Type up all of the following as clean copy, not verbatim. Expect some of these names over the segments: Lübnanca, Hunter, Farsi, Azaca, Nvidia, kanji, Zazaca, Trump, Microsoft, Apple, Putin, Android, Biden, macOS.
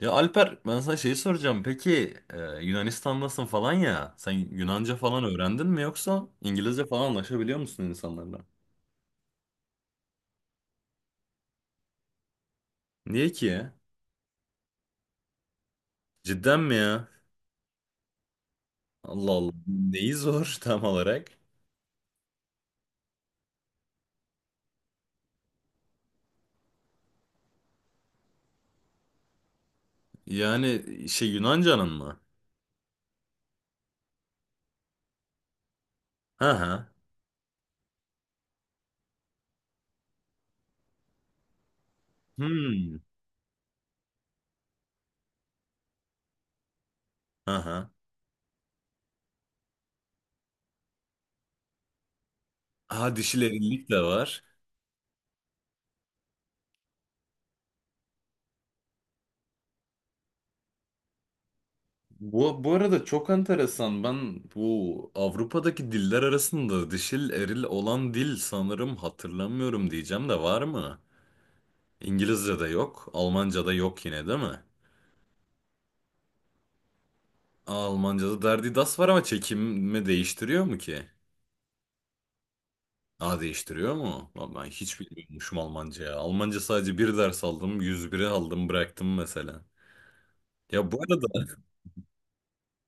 Ya Alper ben sana şeyi soracağım. Peki Yunanistan'dasın falan ya. Sen Yunanca falan öğrendin mi yoksa İngilizce falan anlaşabiliyor musun insanlarla? Niye ki ya? Cidden mi ya? Allah Allah. Neyi zor tam olarak? Yani şey Yunanca'nın mı? Hı hı. Hmm. Hı hı. Ha, dişilerilik de var. Bu arada çok enteresan. Ben bu Avrupa'daki diller arasında dişil eril olan dil sanırım hatırlamıyorum diyeceğim de var mı? İngilizce de yok. Almanca da yok yine değil mi? Aa, Almanca'da derdi das var ama çekimi değiştiriyor mu ki? A değiştiriyor mu? Lan ben hiç bilmiyormuşum Almanca ya. Almanca sadece bir ders aldım. 101'i aldım bıraktım mesela. Ya bu arada.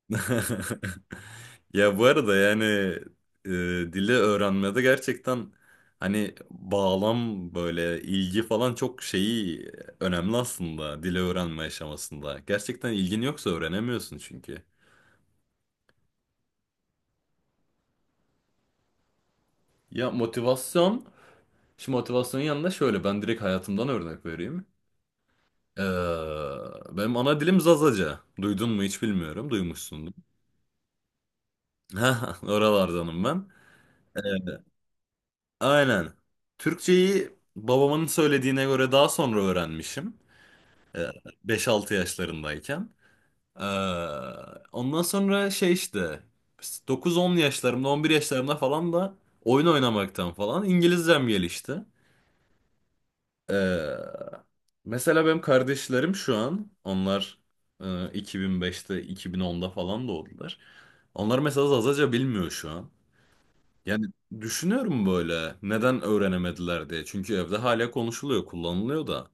Ya bu arada yani, e, dili öğrenmede gerçekten hani bağlam böyle ilgi falan çok şeyi önemli aslında dili öğrenme aşamasında. Gerçekten ilgin yoksa öğrenemiyorsun çünkü. Ya motivasyon, şimdi motivasyonun yanında şöyle ben direkt hayatımdan örnek vereyim. Ee, Benim ana dilim Zazaca. Duydun mu hiç bilmiyorum. Duymuşsundur. Ha, oralardanım ben. Ee, aynen. Türkçeyi babamın söylediğine göre daha sonra öğrenmişim. Ee, 5-6 yaşlarındayken. Ee, Ondan sonra şey işte 9-10 yaşlarımda 11 yaşlarımda falan da oyun oynamaktan falan İngilizcem gelişti. Ee, Mesela benim kardeşlerim şu an onlar, e, 2005'te 2010'da falan doğdular. Onlar mesela Zazaca bilmiyor şu an. Yani düşünüyorum böyle neden öğrenemediler diye. Çünkü evde hala konuşuluyor, kullanılıyor da.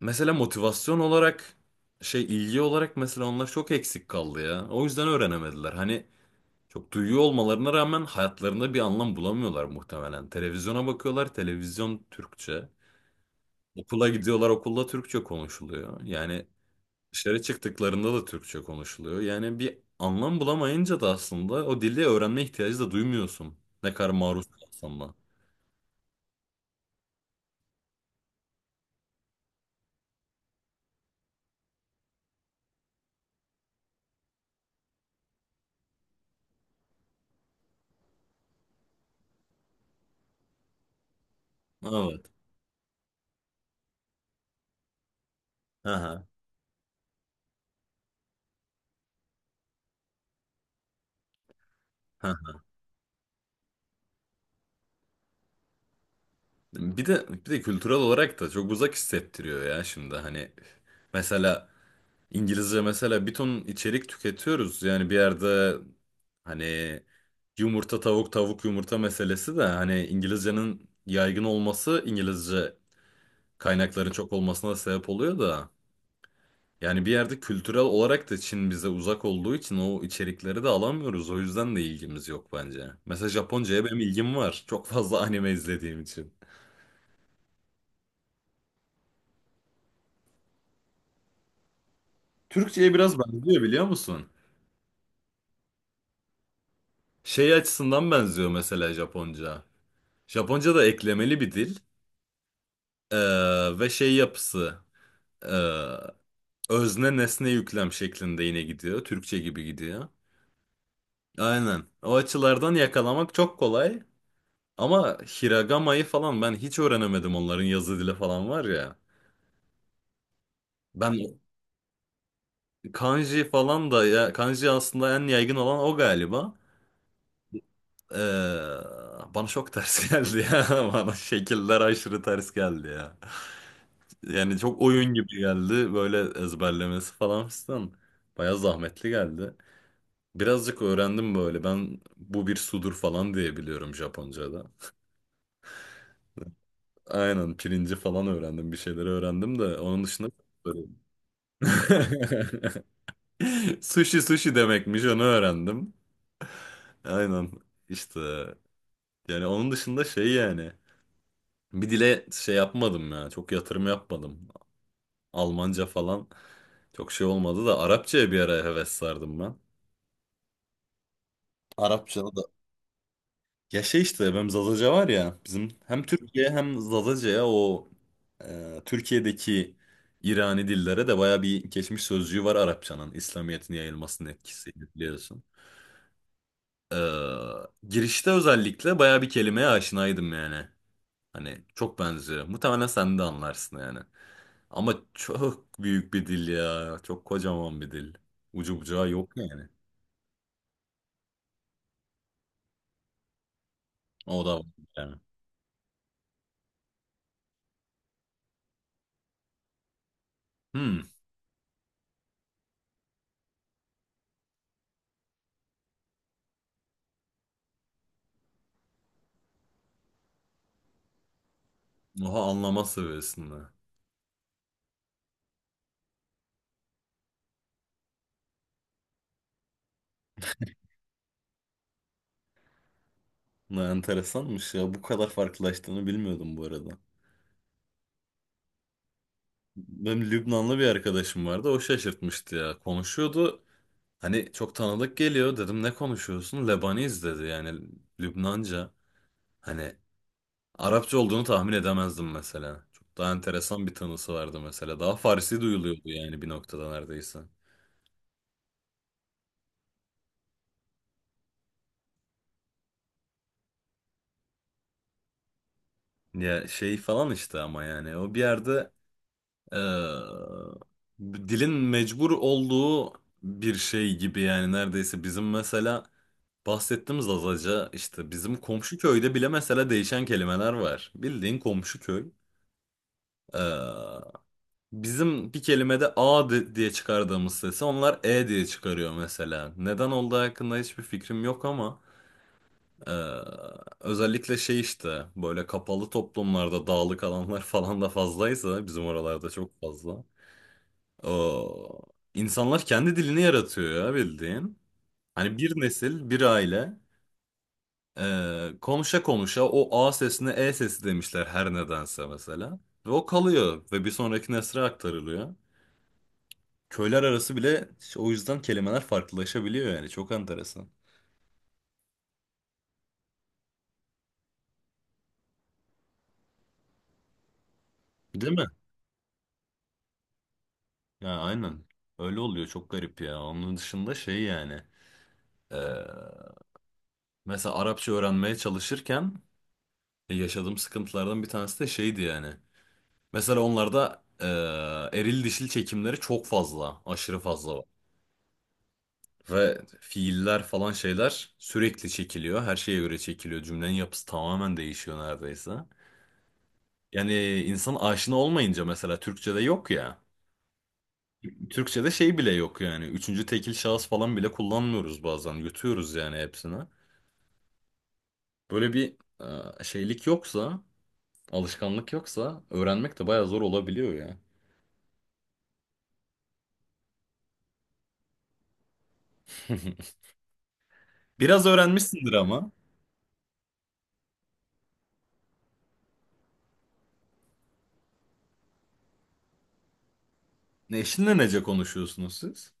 Mesela motivasyon olarak şey ilgi olarak mesela onlar çok eksik kaldı ya. O yüzden öğrenemediler. Hani çok duyuyor olmalarına rağmen hayatlarında bir anlam bulamıyorlar muhtemelen. Televizyona bakıyorlar, televizyon Türkçe. Okula gidiyorlar, okulda Türkçe konuşuluyor. Yani dışarı çıktıklarında da Türkçe konuşuluyor. Yani bir anlam bulamayınca da aslında o dili öğrenme ihtiyacı da duymuyorsun. Ne kadar maruz kalsan da. Evet. Aha. Aha. Bir de kültürel olarak da çok uzak hissettiriyor ya şimdi hani mesela İngilizce mesela bir ton içerik tüketiyoruz. Yani bir yerde hani yumurta tavuk tavuk yumurta meselesi de hani İngilizcenin yaygın olması İngilizce kaynakların çok olmasına sebep oluyor da yani bir yerde kültürel olarak da Çin bize uzak olduğu için o içerikleri de alamıyoruz. O yüzden de ilgimiz yok bence. Mesela Japonca'ya benim ilgim var. Çok fazla anime izlediğim için. Türkçe'ye biraz benziyor biliyor musun? Şey açısından benziyor mesela Japonca. Japonca da eklemeli bir dil. Ve şey yapısı, ee, özne nesne yüklem şeklinde yine gidiyor. Türkçe gibi gidiyor. Aynen. O açılardan yakalamak çok kolay. Ama Hiragama'yı falan ben hiç öğrenemedim, onların yazı dili falan var ya. Ben kanji falan da ya, kanji aslında en yaygın olan o galiba. Ee, Bana çok ters geldi ya. Bana şekiller aşırı ters geldi ya. Yani çok oyun gibi geldi böyle ezberlemesi falan filan. Baya zahmetli geldi. Birazcık öğrendim böyle. Ben bu bir sudur falan diye biliyorum Japonca'da. Aynen, pirinci falan öğrendim. Bir şeyleri öğrendim de onun dışında sushi sushi demekmiş onu öğrendim. Aynen, işte yani onun dışında şey yani bir dile şey yapmadım ya, çok yatırım yapmadım. Almanca falan çok şey olmadı da Arapçaya bir ara heves sardım ben. Arapçada da ya şey işte benim Zazaca var ya, bizim hem Türkiye hem Zazaca'ya o, Türkiye'deki İrani dillere de baya bir geçmiş sözcüğü var, Arapçanın İslamiyet'in yayılmasının etkisi biliyorsun. Ee, Girişte özellikle baya bir kelimeye aşinaydım yani. Hani çok benziyor. Muhtemelen sen de anlarsın yani. Ama çok büyük bir dil ya. Çok kocaman bir dil. Ucu bucağı yok yani. O da var yani. Hmm. Oha, anlama seviyesinde. Ne enteresanmış ya. Bu kadar farklılaştığını bilmiyordum bu arada. Benim Lübnanlı bir arkadaşım vardı. O şaşırtmıştı ya. Konuşuyordu. Hani çok tanıdık geliyor. Dedim ne konuşuyorsun? Lebaniz dedi yani. Lübnanca. Hani Arapça olduğunu tahmin edemezdim mesela. Çok daha enteresan bir tanısı vardı mesela. Daha Farsi duyuluyordu yani bir noktada neredeyse. Ya şey falan işte ama yani o bir yerde, eee, dilin mecbur olduğu bir şey gibi yani neredeyse bizim mesela bahsettiğimiz Azaca işte bizim komşu köyde bile mesela değişen kelimeler var. Bildiğin komşu köy. Eee, Bizim bir kelimede A diye çıkardığımız sesi onlar E diye çıkarıyor mesela. Neden olduğu hakkında hiçbir fikrim yok ama, e, özellikle şey işte böyle kapalı toplumlarda dağlık alanlar falan da fazlaysa bizim oralarda çok fazla. O, insanlar kendi dilini yaratıyor ya bildiğin. Hani bir nesil bir aile, konuşa konuşa o A sesine E sesi demişler her nedense mesela. Ve o kalıyor ve bir sonraki nesle aktarılıyor. Köyler arası bile işte o yüzden kelimeler farklılaşabiliyor yani. Çok enteresan. Değil mi? Ya aynen. Öyle oluyor. Çok garip ya. Onun dışında şey yani. e, Mesela Arapça öğrenmeye çalışırken, yaşadığım sıkıntılardan bir tanesi de şeydi yani. Mesela onlarda, eril dişil çekimleri çok fazla. Aşırı fazla var. Ve fiiller falan şeyler sürekli çekiliyor. Her şeye göre çekiliyor. Cümlenin yapısı tamamen değişiyor neredeyse. Yani insan aşina olmayınca mesela Türkçe'de yok ya. Türkçe'de şey bile yok yani. Üçüncü tekil şahıs falan bile kullanmıyoruz bazen. Yutuyoruz yani hepsini. Böyle bir şeylik yoksa, alışkanlık yoksa öğrenmek de bayağı zor olabiliyor ya. Biraz öğrenmişsindir ama. Ne, eşinle nece konuşuyorsunuz siz?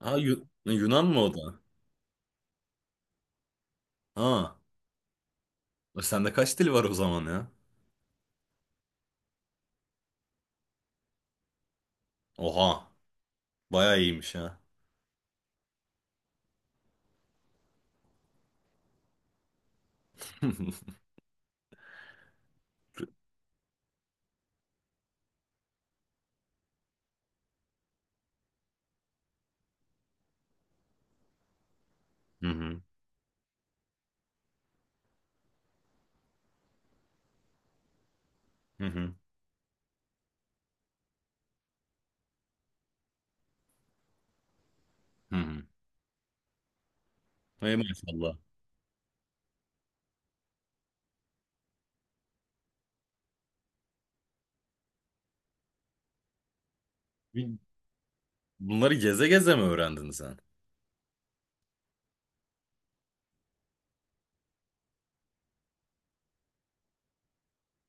Ha, Yunan mı o da? Ha, sende kaç dil var o zaman ya? Oha, bayağı iyiymiş ha. Hı hı. Hı hı. Hı hı. Ey maşallah. Bunları geze geze mi öğrendin sen?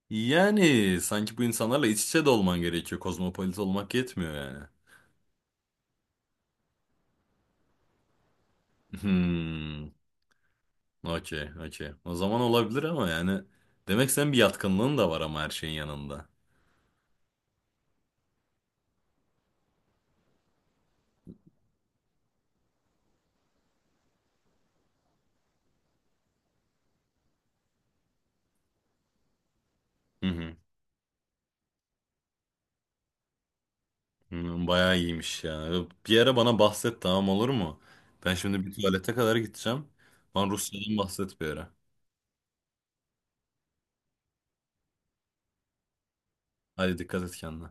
Yani sanki bu insanlarla iç içe de olman gerekiyor. Kozmopolit olmak yetmiyor yani. Hmm. Okey, okey. O zaman olabilir ama yani demek senin bir yatkınlığın da var ama her şeyin yanında. Hı hı. Hmm, bayağı iyiymiş ya. Bir ara bana bahset, tamam olur mu? Ben şimdi bir tuvalete kadar gideceğim. Bana Rusya'dan bahset bir ara. Hadi dikkat et kendine.